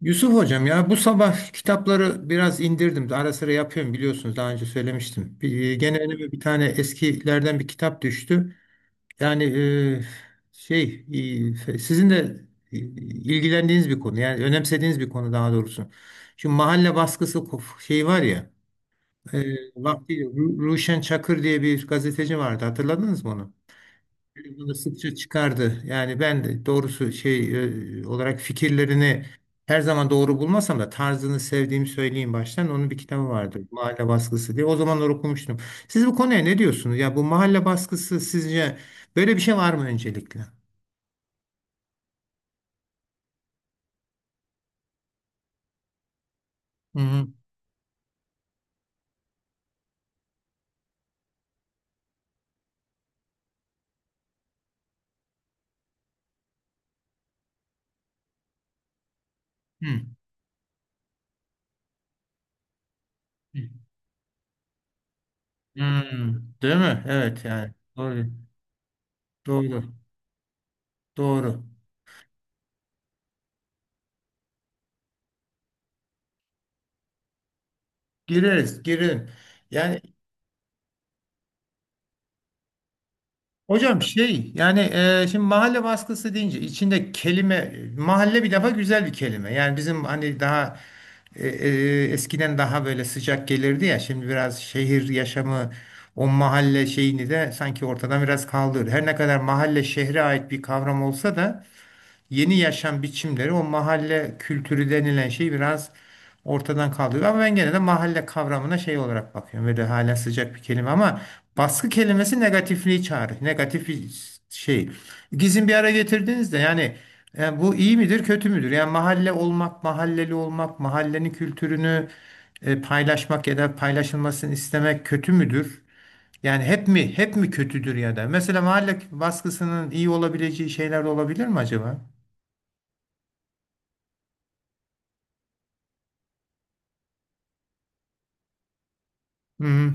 Yusuf hocam ya bu sabah kitapları biraz indirdim. Ara sıra yapıyorum, biliyorsunuz, daha önce söylemiştim. Gene önüme bir tane eskilerden bir kitap düştü. Yani şey, sizin de ilgilendiğiniz bir konu, yani önemsediğiniz bir konu daha doğrusu. Şu mahalle baskısı şeyi var ya, e, vaktiyle Ruşen Çakır diye bir gazeteci vardı, hatırladınız mı onu? Bunu sıkça çıkardı. Yani ben de doğrusu şey, olarak fikirlerini her zaman doğru bulmasam da tarzını sevdiğimi söyleyeyim baştan. Onun bir kitabı vardı. Mahalle baskısı diye. O zamanlar okumuştum. Siz bu konuya ne diyorsunuz? Ya bu mahalle baskısı sizce böyle bir şey var mı öncelikle? Hı hı. Hı. Hı. Hı. Değil mi? Evet yani. Doğru. Doğru. Doğru. Gireriz, girin. Yani, hocam şey yani, şimdi mahalle baskısı deyince içinde kelime mahalle bir defa güzel bir kelime. Yani bizim hani daha eskiden daha böyle sıcak gelirdi ya, şimdi biraz şehir yaşamı o mahalle şeyini de sanki ortadan biraz kaldırdı. Her ne kadar mahalle şehre ait bir kavram olsa da yeni yaşam biçimleri o mahalle kültürü denilen şey biraz ortadan kaldırıyor. Ama ben gene de mahalle kavramına şey olarak bakıyorum. Böyle hala sıcak bir kelime ama baskı kelimesi negatifliği çağırır. Negatif bir şey. İkisini bir ara getirdiğinizde yani, yani bu iyi midir kötü müdür? Yani mahalle olmak, mahalleli olmak, mahallenin kültürünü paylaşmak ya da paylaşılmasını istemek kötü müdür? Yani hep mi hep mi kötüdür ya da? Mesela mahalle baskısının iyi olabileceği şeyler de olabilir mi acaba? Hı hı.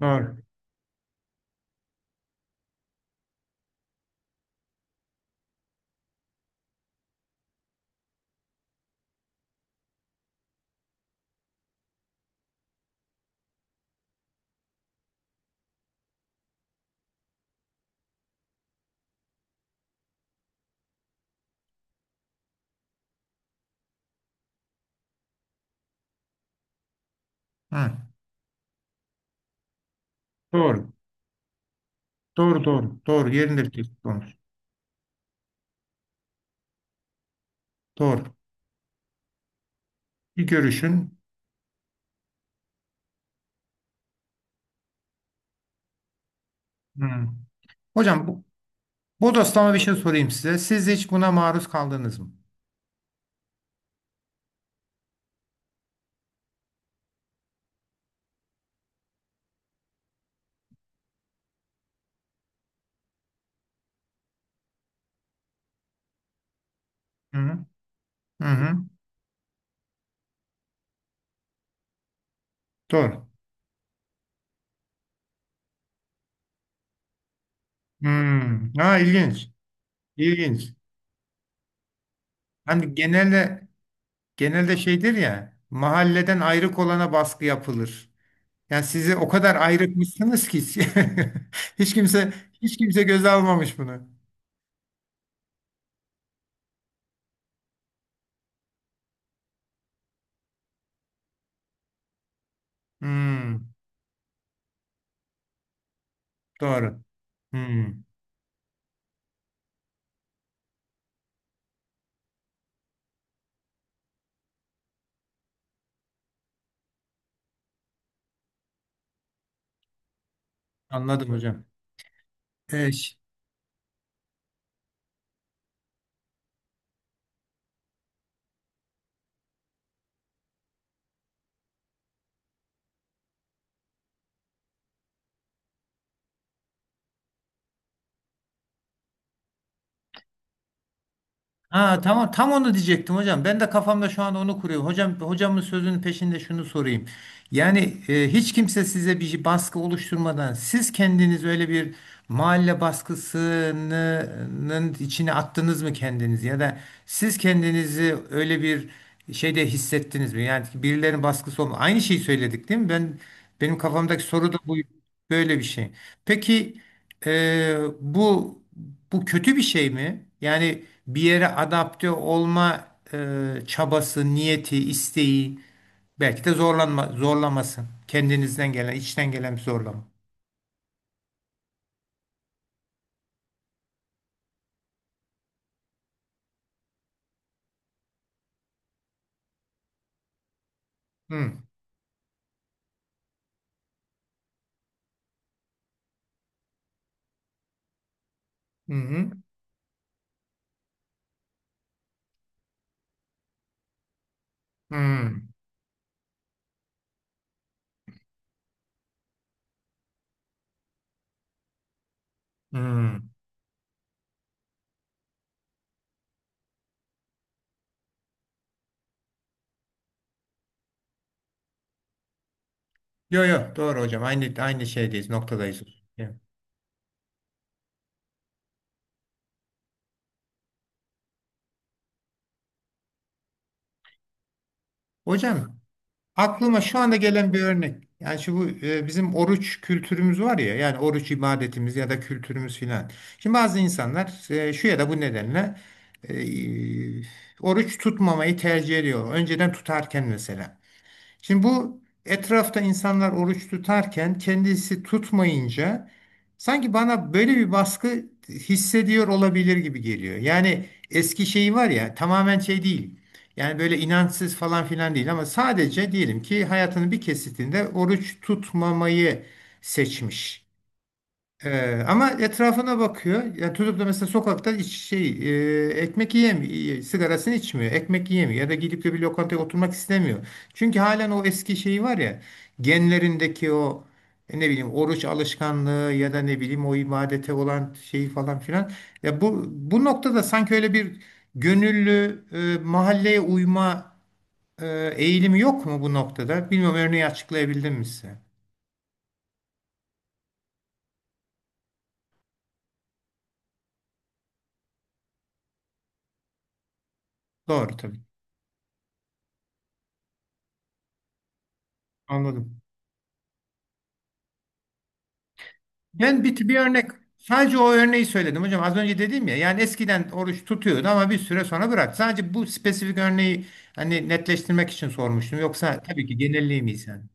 Doğru. Hı. Doğru. Doğru doğru. Doğru. Yerinde bir tespit olmuş. Doğru. Bir görüşün. Hı. Hocam, bu bodoslama bir şey sorayım size. Siz hiç buna maruz kaldınız mı? Hı hı. Hı hı. Doğru. Hı. Ha, ilginç. İlginç. Hani genelde şeydir ya mahalleden ayrık olana baskı yapılır. Yani sizi o kadar ayrıkmışsınız ki hiç, kimse hiç kimse göze almamış bunu. Hı. Doğru. Hı. Anladım hocam. Ee, ş- ha tamam, tam onu diyecektim hocam. Ben de kafamda şu an onu kuruyorum. Hocam, hocamın sözünün peşinde şunu sorayım. Yani hiç kimse size bir baskı oluşturmadan siz kendiniz öyle bir mahalle baskısının içine attınız mı kendinizi ya da siz kendinizi öyle bir şeyde hissettiniz mi? Yani birilerinin baskısı olma. Aynı şeyi söyledik değil mi? Benim kafamdaki soru da bu. Böyle bir şey. Peki e, bu bu kötü bir şey mi? Yani bir yere adapte olma çabası, niyeti, isteği, belki de zorlanma, zorlaması. Kendinizden gelen, içten gelen bir zorlama. Hı hı hı. Hı, hı. Yo yo, doğru hocam. Aynı aynı şeydeyiz, noktadayız. Ya. Hocam, aklıma şu anda gelen bir örnek. Yani şu bu, bizim oruç kültürümüz var ya, yani oruç ibadetimiz ya da kültürümüz filan. Şimdi bazı insanlar şu ya da bu nedenle e, oruç tutmamayı tercih ediyor. Önceden tutarken mesela. Şimdi bu etrafta insanlar oruç tutarken kendisi tutmayınca sanki bana böyle bir baskı hissediyor olabilir gibi geliyor. Yani eski şeyi var ya, tamamen şey değil. Yani böyle inançsız falan filan değil ama sadece diyelim ki hayatının bir kesitinde oruç tutmamayı seçmiş. Ama etrafına bakıyor. Yani tutup da mesela sokakta şey, ekmek yiyemiyor, sigarasını içmiyor, ekmek yiyemiyor ya da gidip de bir lokantaya oturmak istemiyor. Çünkü halen o eski şeyi var ya, genlerindeki o ne bileyim, oruç alışkanlığı ya da ne bileyim o ibadete olan şeyi falan filan. Ya bu noktada sanki öyle bir gönüllü mahalleye uyma eğilimi yok mu bu noktada? Bilmiyorum, örneği açıklayabildim mi size? Doğru tabii. Anladım. Bir örnek, sadece o örneği söyledim hocam. Az önce dedim ya, yani eskiden oruç tutuyordu ama bir süre sonra bırak. Sadece bu spesifik örneği hani netleştirmek için sormuştum. Yoksa tabii ki genelliğim iyi sen.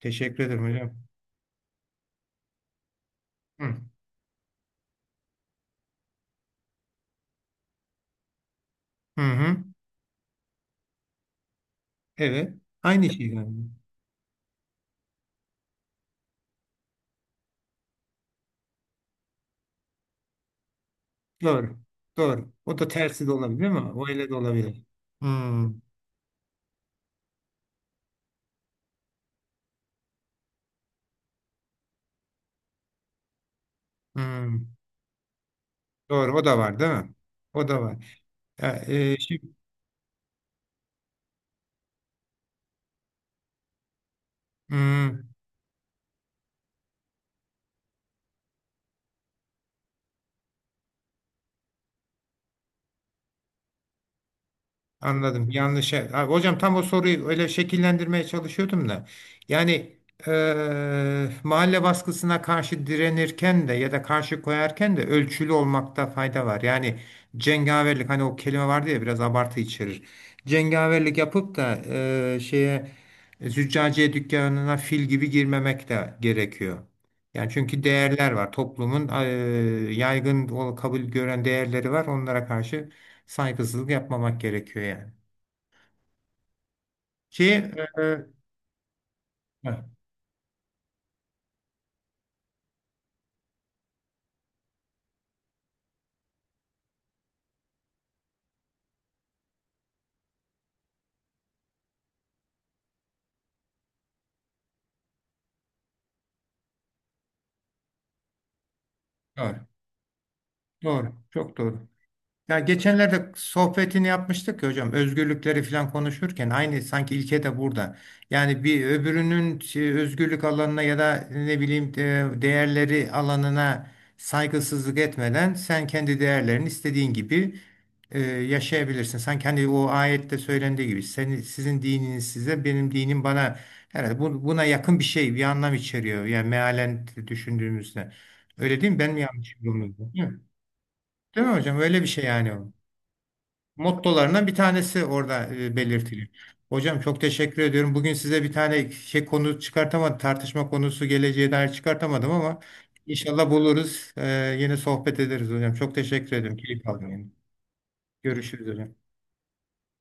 Teşekkür ederim hocam. Hı. Hı hı. Evet. Aynı şey yani. Doğru. Doğru. O da tersi de olabilir mi? O öyle de olabilir. Hmm. Hmm. Doğru. O da var değil mi? O da var. Ya, şimdi, anladım. Yanlış. Abi, hocam, tam o soruyu öyle şekillendirmeye çalışıyordum da. Yani mahalle baskısına karşı direnirken de ya da karşı koyarken de ölçülü olmakta fayda var. Yani cengaverlik, hani o kelime vardı ya, biraz abartı içerir. Cengaverlik yapıp da şeye, züccaciye dükkanına fil gibi girmemek de gerekiyor. Yani çünkü değerler var. Toplumun yaygın kabul gören değerleri var. Onlara karşı saygısızlık yapmamak gerekiyor yani. Ki e, evet, doğru, doğru, çok doğru. Ya geçenlerde sohbetini yapmıştık ya hocam, özgürlükleri falan konuşurken aynı sanki ilke de burada. Yani bir öbürünün şey, özgürlük alanına ya da ne bileyim değerleri alanına saygısızlık etmeden sen kendi değerlerini istediğin gibi yaşayabilirsin. Sanki hani o ayette söylendiği gibi, senin sizin dininiz size benim dinim bana, herhalde buna yakın bir şey bir anlam içeriyor. Yani mealen düşündüğümüzde. Öyle değil mi? Ben mi yanlış yorumluyorum? Değil mi hocam? Öyle bir şey yani, o mottolarından bir tanesi orada belirtili. Hocam, çok teşekkür ediyorum. Bugün size bir tane şey konu çıkartamadım, tartışma konusu geleceğe dair çıkartamadım ama inşallah buluruz. Yine sohbet ederiz hocam. Çok teşekkür ediyorum. Keyif aldım. Yani. Görüşürüz hocam.